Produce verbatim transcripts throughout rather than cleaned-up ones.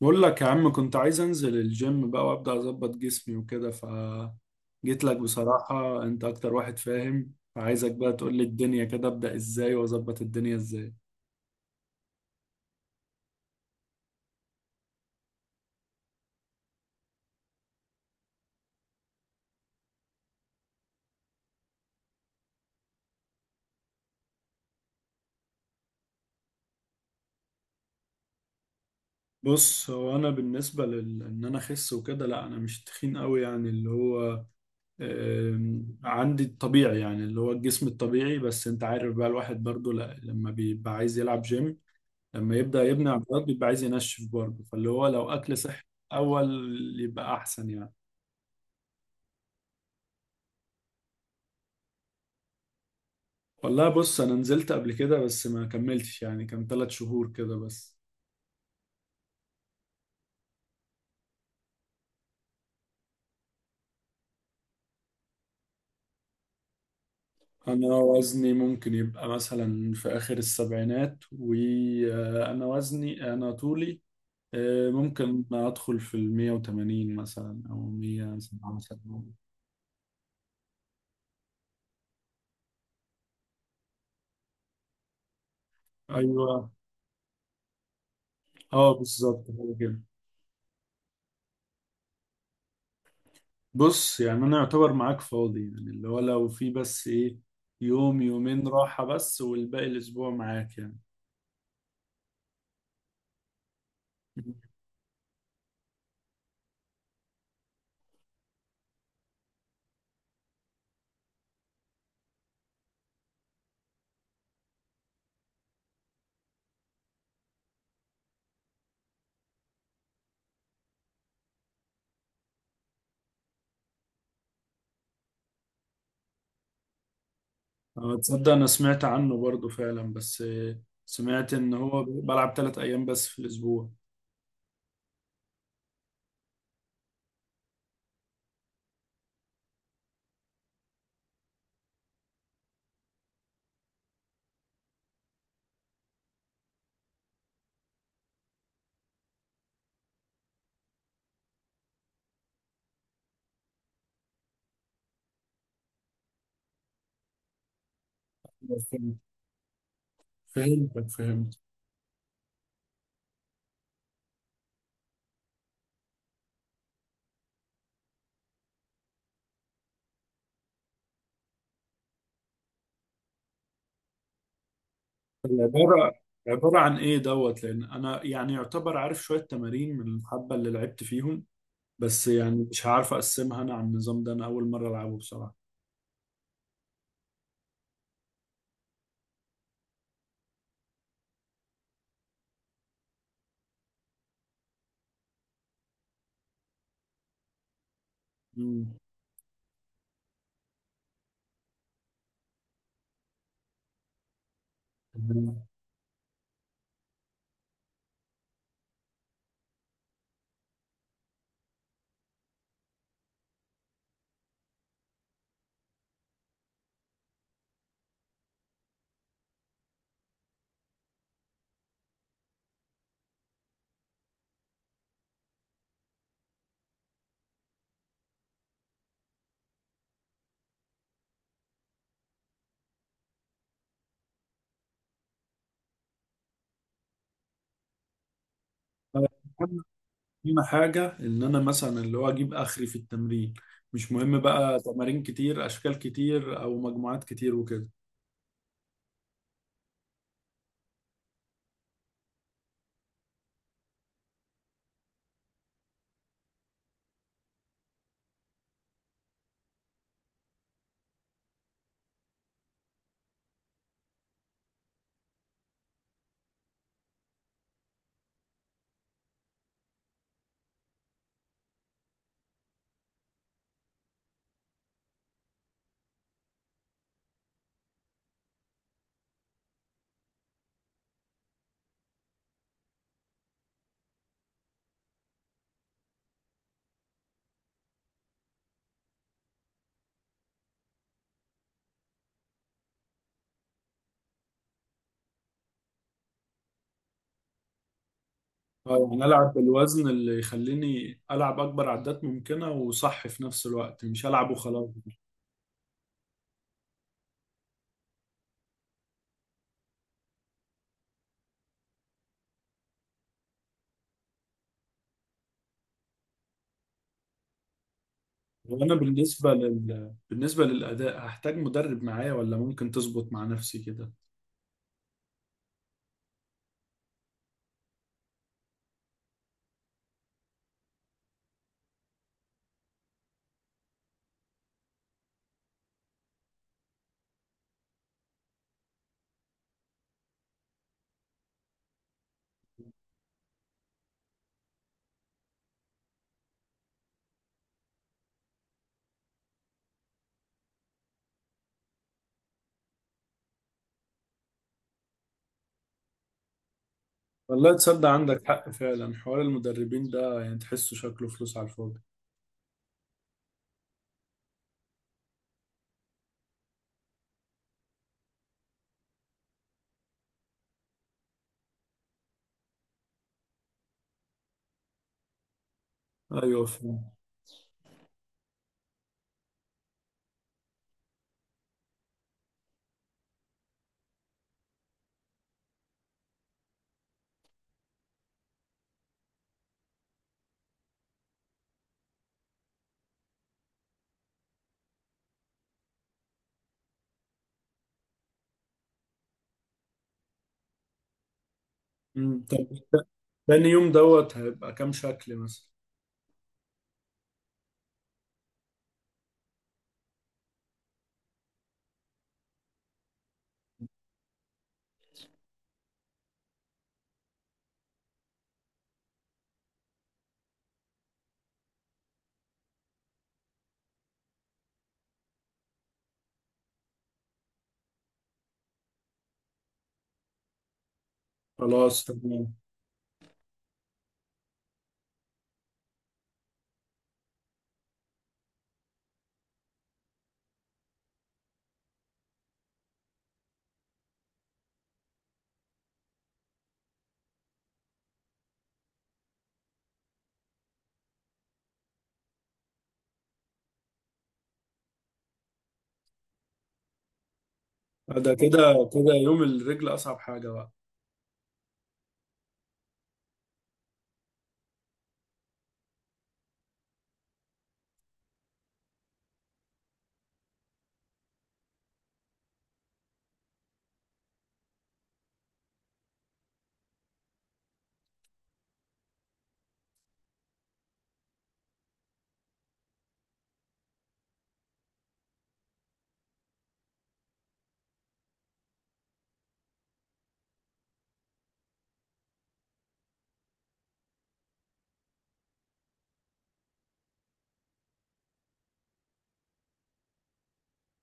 بقول لك يا عم، كنت عايز انزل الجيم بقى وابدا اظبط جسمي وكده، ف جيت لك بصراحة. انت اكتر واحد فاهم، فعايزك بقى تقول لي الدنيا كده ابدا ازاي واظبط الدنيا ازاي. بص، هو انا بالنسبة لل ان انا اخس وكده، لا انا مش تخين قوي يعني اللي هو آم، عندي الطبيعي، يعني اللي هو الجسم الطبيعي. بس انت عارف بقى الواحد برضو، لا لما بيبقى عايز يلعب جيم، لما يبدا يبني عضلات بيبقى عايز ينشف برضه، فاللي هو لو اكل صحي اول يبقى احسن يعني. والله بص، انا نزلت قبل كده بس ما كملتش يعني، كان ثلاث شهور كده بس. انا وزني ممكن يبقى مثلا في اخر السبعينات، وانا وزني، انا طولي آه، ممكن ادخل في ال مية وتمانين مثلا او مية سبعة وسبعين. ايوه. اه بالظبط، هو كده. بص يعني انا يعتبر معاك فاضي، يعني اللي هو لو في بس ايه، يوم يومين راحة بس، والباقي الاسبوع معاك يعني. أه، تصدق أنا سمعت عنه برضو فعلا، بس آه، سمعت إن هو بلعب ثلاث أيام بس في الأسبوع. فهمت- فهمتك، فهمت. العبارة عبارة عن إيه دوت، لأن أنا يعني يعتبر عارف شوية تمارين من الحبة اللي لعبت فيهم، بس يعني مش هعرف أقسمها أنا على النظام ده، أنا أول مرة ألعبه بصراحة. مم. أنا أهم حاجة إن أنا مثلا اللي هو أجيب آخري في التمرين، مش مهم بقى تمارين كتير أشكال كتير أو مجموعات كتير وكده. اه يعني العب بالوزن اللي يخليني العب اكبر عدات ممكنه وصح، في نفس الوقت مش العب وخلاص. وانا بالنسبه لل... بالنسبه للاداء هحتاج مدرب معايا ولا ممكن تظبط مع نفسي كده؟ والله تصدق عندك حق فعلا، حوار المدربين ده يعني تحسه شكله فلوس على الفاضي. ايوه فاهم. أمم، طب تاني يوم دوت هيبقى كام شكل مثلا؟ خلاص تمام. ده كده كده يوم الرجل اصعب حاجه بقى.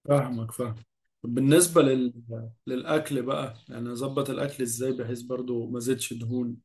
فاهمك، فاهم. طب بالنسبة لل... للأكل بقى، يعني أظبط الأكل إزاي بحيث برضو ما زدش دهون؟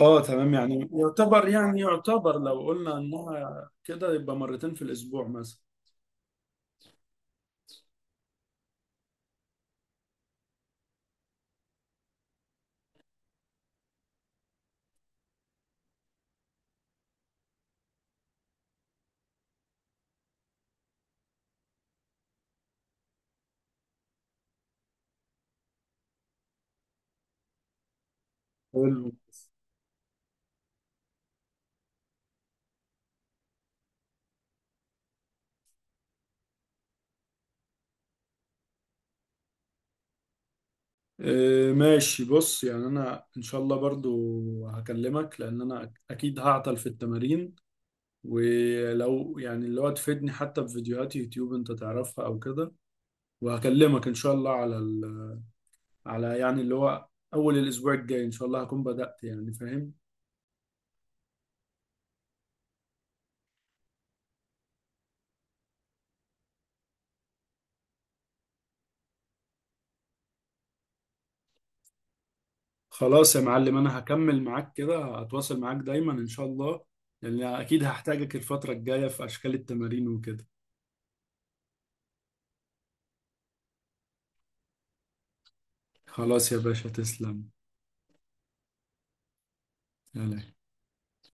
اه تمام، يعني يعتبر يعني يعتبر لو قلنا إنها كده يبقى مرتين في الأسبوع مثلا. حلو. آه ماشي، بص يعني أنا إن شاء الله برضو هكلمك، لأن أنا أكيد هعطل في التمارين، ولو يعني اللي هو تفيدني حتى بفيديوهات يوتيوب أنت تعرفها أو كده. وهكلمك إن شاء الله على على يعني اللي هو اول الاسبوع الجاي ان شاء الله هكون بدأت يعني، فاهم. خلاص يا معلم، انا هكمل معاك كده، هتواصل معاك دايما ان شاء الله، لان اكيد هحتاجك الفترة الجاية في اشكال التمارين وكده. خلاص يا باشا، تسلم. يلا.